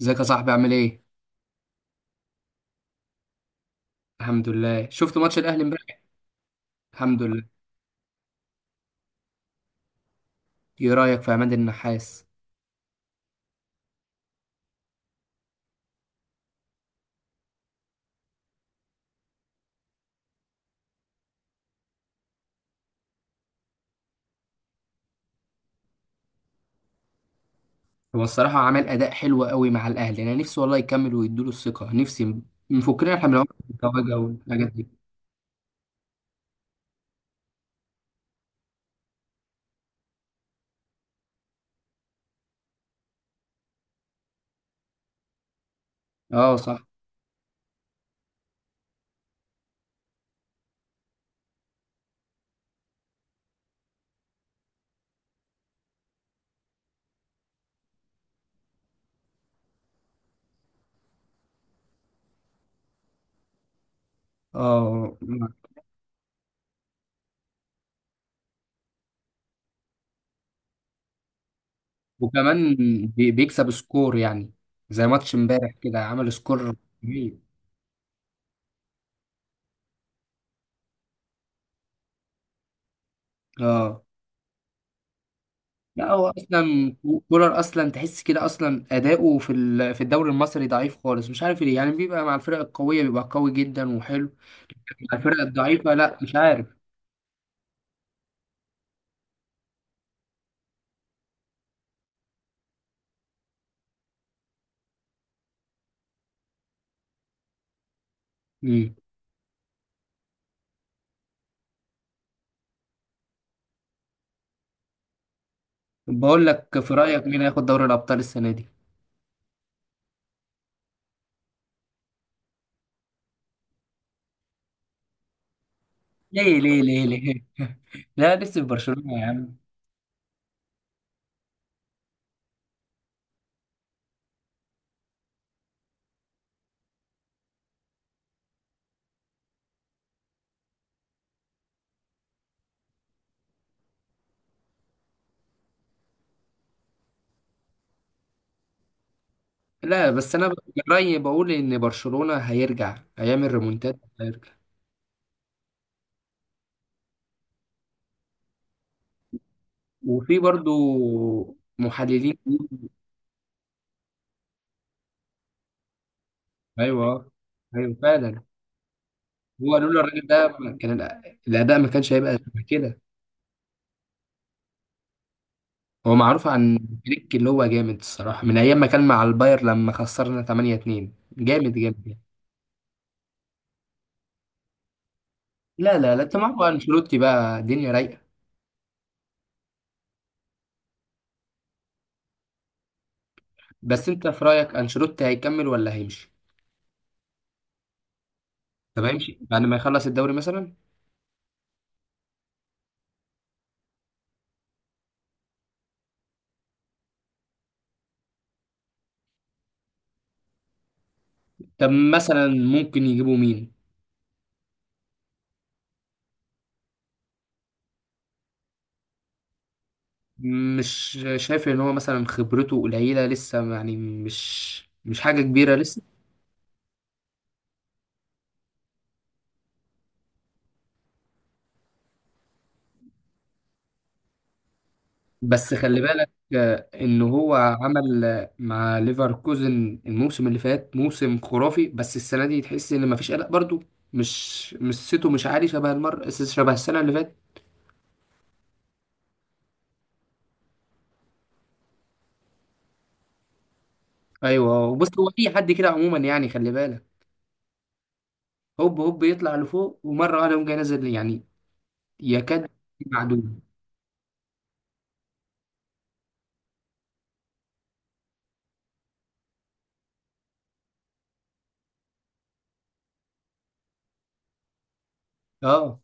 ازيك يا صاحبي عامل ايه؟ الحمد لله. شفت ماتش الاهلي امبارح؟ الحمد لله. ايه رايك في عماد النحاس؟ هو الصراحه عمل اداء حلو قوي مع الاهلي، انا نفسي والله يكمل ويدوله الثقه. نفسي نفكنا احنا من العمر التواجع والحاجات دي. اه صح. اه، وكمان بيكسب سكور يعني، زي ماتش امبارح كده عمل سكور جميل. اه، لا هو اصلا، كولر اصلا تحس كده اصلا اداؤه في الدوري المصري ضعيف خالص، مش عارف ليه. يعني بيبقى مع الفرق القويه بيبقى قوي جدا وحلو، الفرق الضعيفة لا، مش عارف. مم. بقول لك، في رأيك مين هياخد دوري الأبطال السنة دي؟ ليه ليه ليه ليه؟ لا لسه في برشلونة يا عم. لا بس أنا من رأيي بقول إن برشلونة هيرجع، هيعمل ريمونتاد، هيرجع. وفي برضو محللين. أيوه أيوه، فعلا. هو لولا الراجل ده ما كان الأداء ما كانش هيبقى شبه كده. هو معروف عن فليك، اللي هو جامد الصراحة من أيام ما كان مع الباير لما خسرنا 8-2. جامد جامد. لا لا لا، انت معاك بقى انشيلوتي، بقى الدنيا رايقه. بس انت في رايك انشيلوتي هيكمل ولا هيمشي؟ طب هيمشي بعد ما يخلص الدوري مثلا؟ طب مثلا ممكن يجيبوا مين؟ مش شايف ان هو مثلا خبرته قليله لسه؟ يعني مش حاجه كبيره لسه. بس خلي بالك، ان هو عمل، مع ليفركوزن الموسم اللي فات موسم خرافي، بس السنه دي تحس ان مفيش قلق برضو. مش سيتو، مش عالي شبه المر شبه السنه اللي فاتت. ايوه، وبص هو في حد كده عموما، يعني خلي بالك. هوب هوب يطلع لفوق ومره واحده يقوم جاي نازل يعني، يكاد معدوم. اه.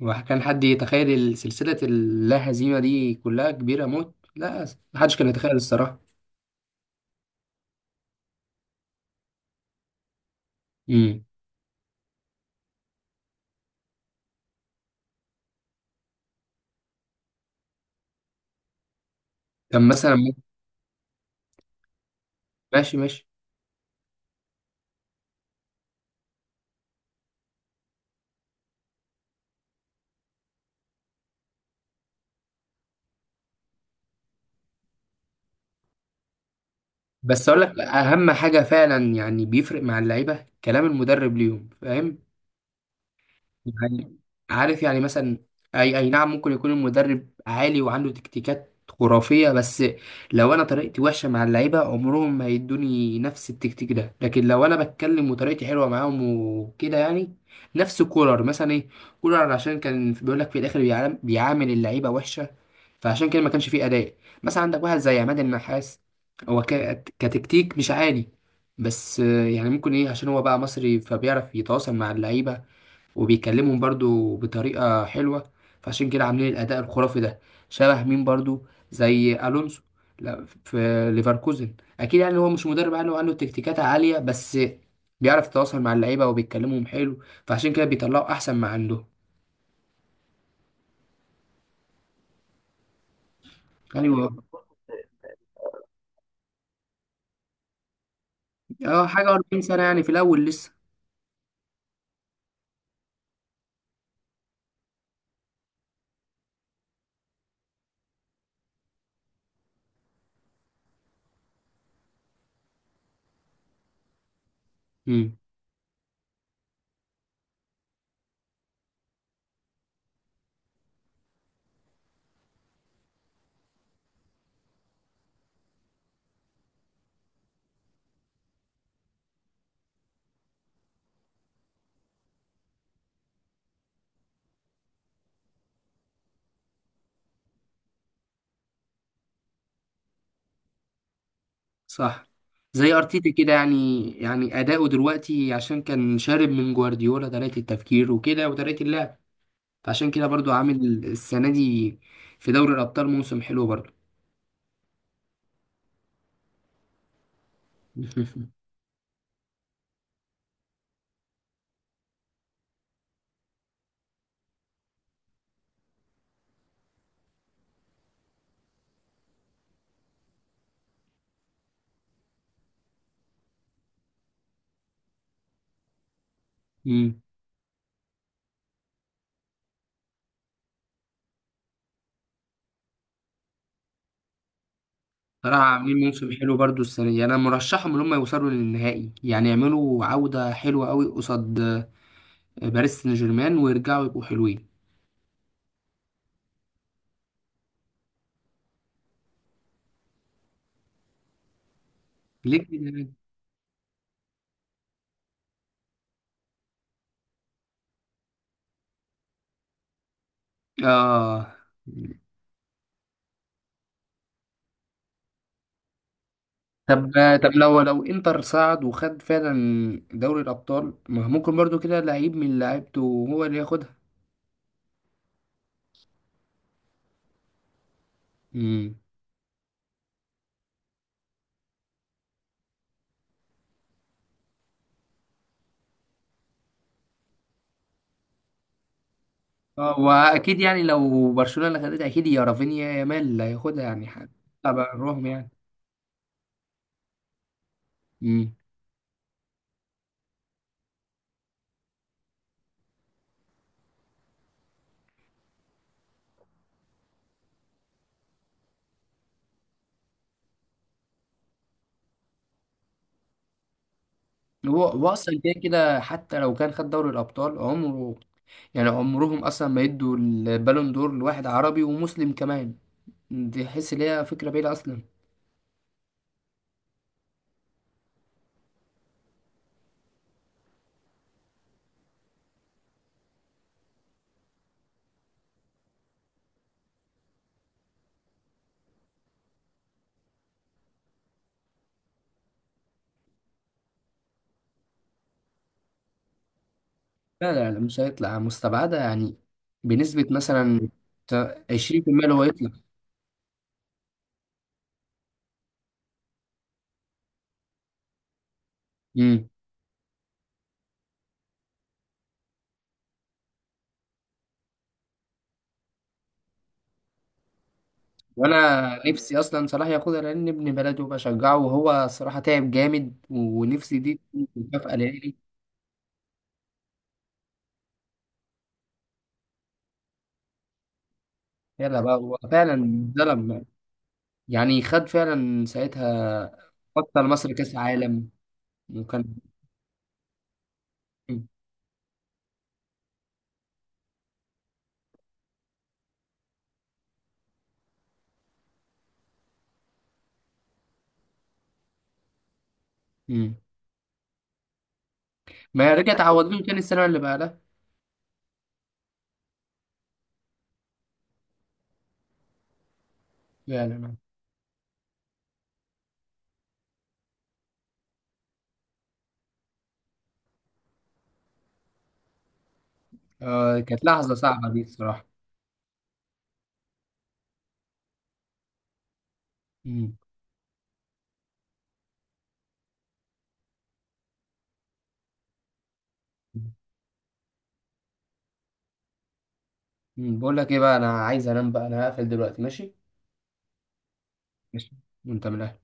وكان حد يتخيل سلسله اللا هزيمه دي كلها كبيره موت؟ لا، محدش كان يتخيل الصراحه. امم. طب مثلا. ماشي ماشي. بس اقول لك اهم حاجه فعلا، يعني بيفرق مع اللعيبه كلام المدرب ليهم، فاهم يعني؟ عارف يعني، مثلا اي اي نعم، ممكن يكون المدرب عالي وعنده تكتيكات خرافية، بس لو انا طريقتي وحشة مع اللعيبة عمرهم ما هيدوني نفس التكتيك ده، لكن لو انا بتكلم وطريقتي حلوة معاهم وكده يعني. نفس كولر مثلا، ايه؟ كولر عشان كان بيقول لك في الاخر بيعامل اللعيبة وحشة، فعشان كده ما كانش فيه اداء. مثلا عندك واحد زي عماد النحاس، هو كتكتيك مش عالي، بس يعني ممكن ايه؟ عشان هو بقى مصري فبيعرف يتواصل مع اللعيبة وبيكلمهم برضو بطريقة حلوة، فعشان كده عاملين الأداء الخرافي ده. شبه مين برضو؟ زي ألونسو، لا، في ليفركوزن. أكيد يعني هو مش مدرب عالي وعنده تكتيكات عالية، بس بيعرف يتواصل مع اللعيبة وبيتكلمهم حلو، فعشان كده بيطلعوا أحسن ما عندهم. يعني هو- اه، حاجة 40 سنة يعني، في الأول لسه. امم، صح. زي ارتيتا كده، يعني اداؤه دلوقتي عشان كان شارب من جوارديولا طريقه التفكير وكده وطريقه اللعب، فعشان كده برضو عامل السنة دي في دوري الأبطال موسم حلو برضو. مم. صراحة عاملين موسم حلو برضو السنة دي، أنا مرشحهم إن هم يوصلوا للنهائي، يعني يعملوا عودة حلوة أوي قصاد باريس سان جيرمان ويرجعوا يبقوا حلوين. ليه كده يعني؟ آه. طب طب لو انتر صعد وخد فعلا دوري الأبطال، ما ممكن برضو كده لعيب من لعيبته هو اللي ياخدها؟ مم. اه واكيد، يعني لو برشلونه اللي خدتها اكيد يا رافينيا يا يامال اللي هياخدها، يعني حتى بره يعني. امم. هو اصلا كده كده حتى لو كان خد دوري الابطال عمره، يعني عمرهم اصلا ما يدوا البالون دور لواحد عربي ومسلم كمان، دي حس ان هي فكره بعيده اصلا. لا لا لا، مش هيطلع مستبعده يعني، بنسبه مثلا 20% اللي هو يطلع. امم. وانا نفسي اصلا صلاح ياخدها، لان ابن بلده بشجعه، وهو صراحه تعب جامد ونفسي دي تكون مكافاه ليه. يلا بقى، هو فعلا اتظلم. يعني خد فعلا ساعتها، حتى لمصر كأس عالم. وكان. مم. مم. ما رجع تعوض لهم تاني السنة اللي بعدها. فعلا. آه، كانت لحظة صعبة دي الصراحة. مم. مم. بقول لك ايه بقى، انا عايز انام بقى، انا هقفل دلوقتي، ماشي؟ ماشي. وانت من الأهل.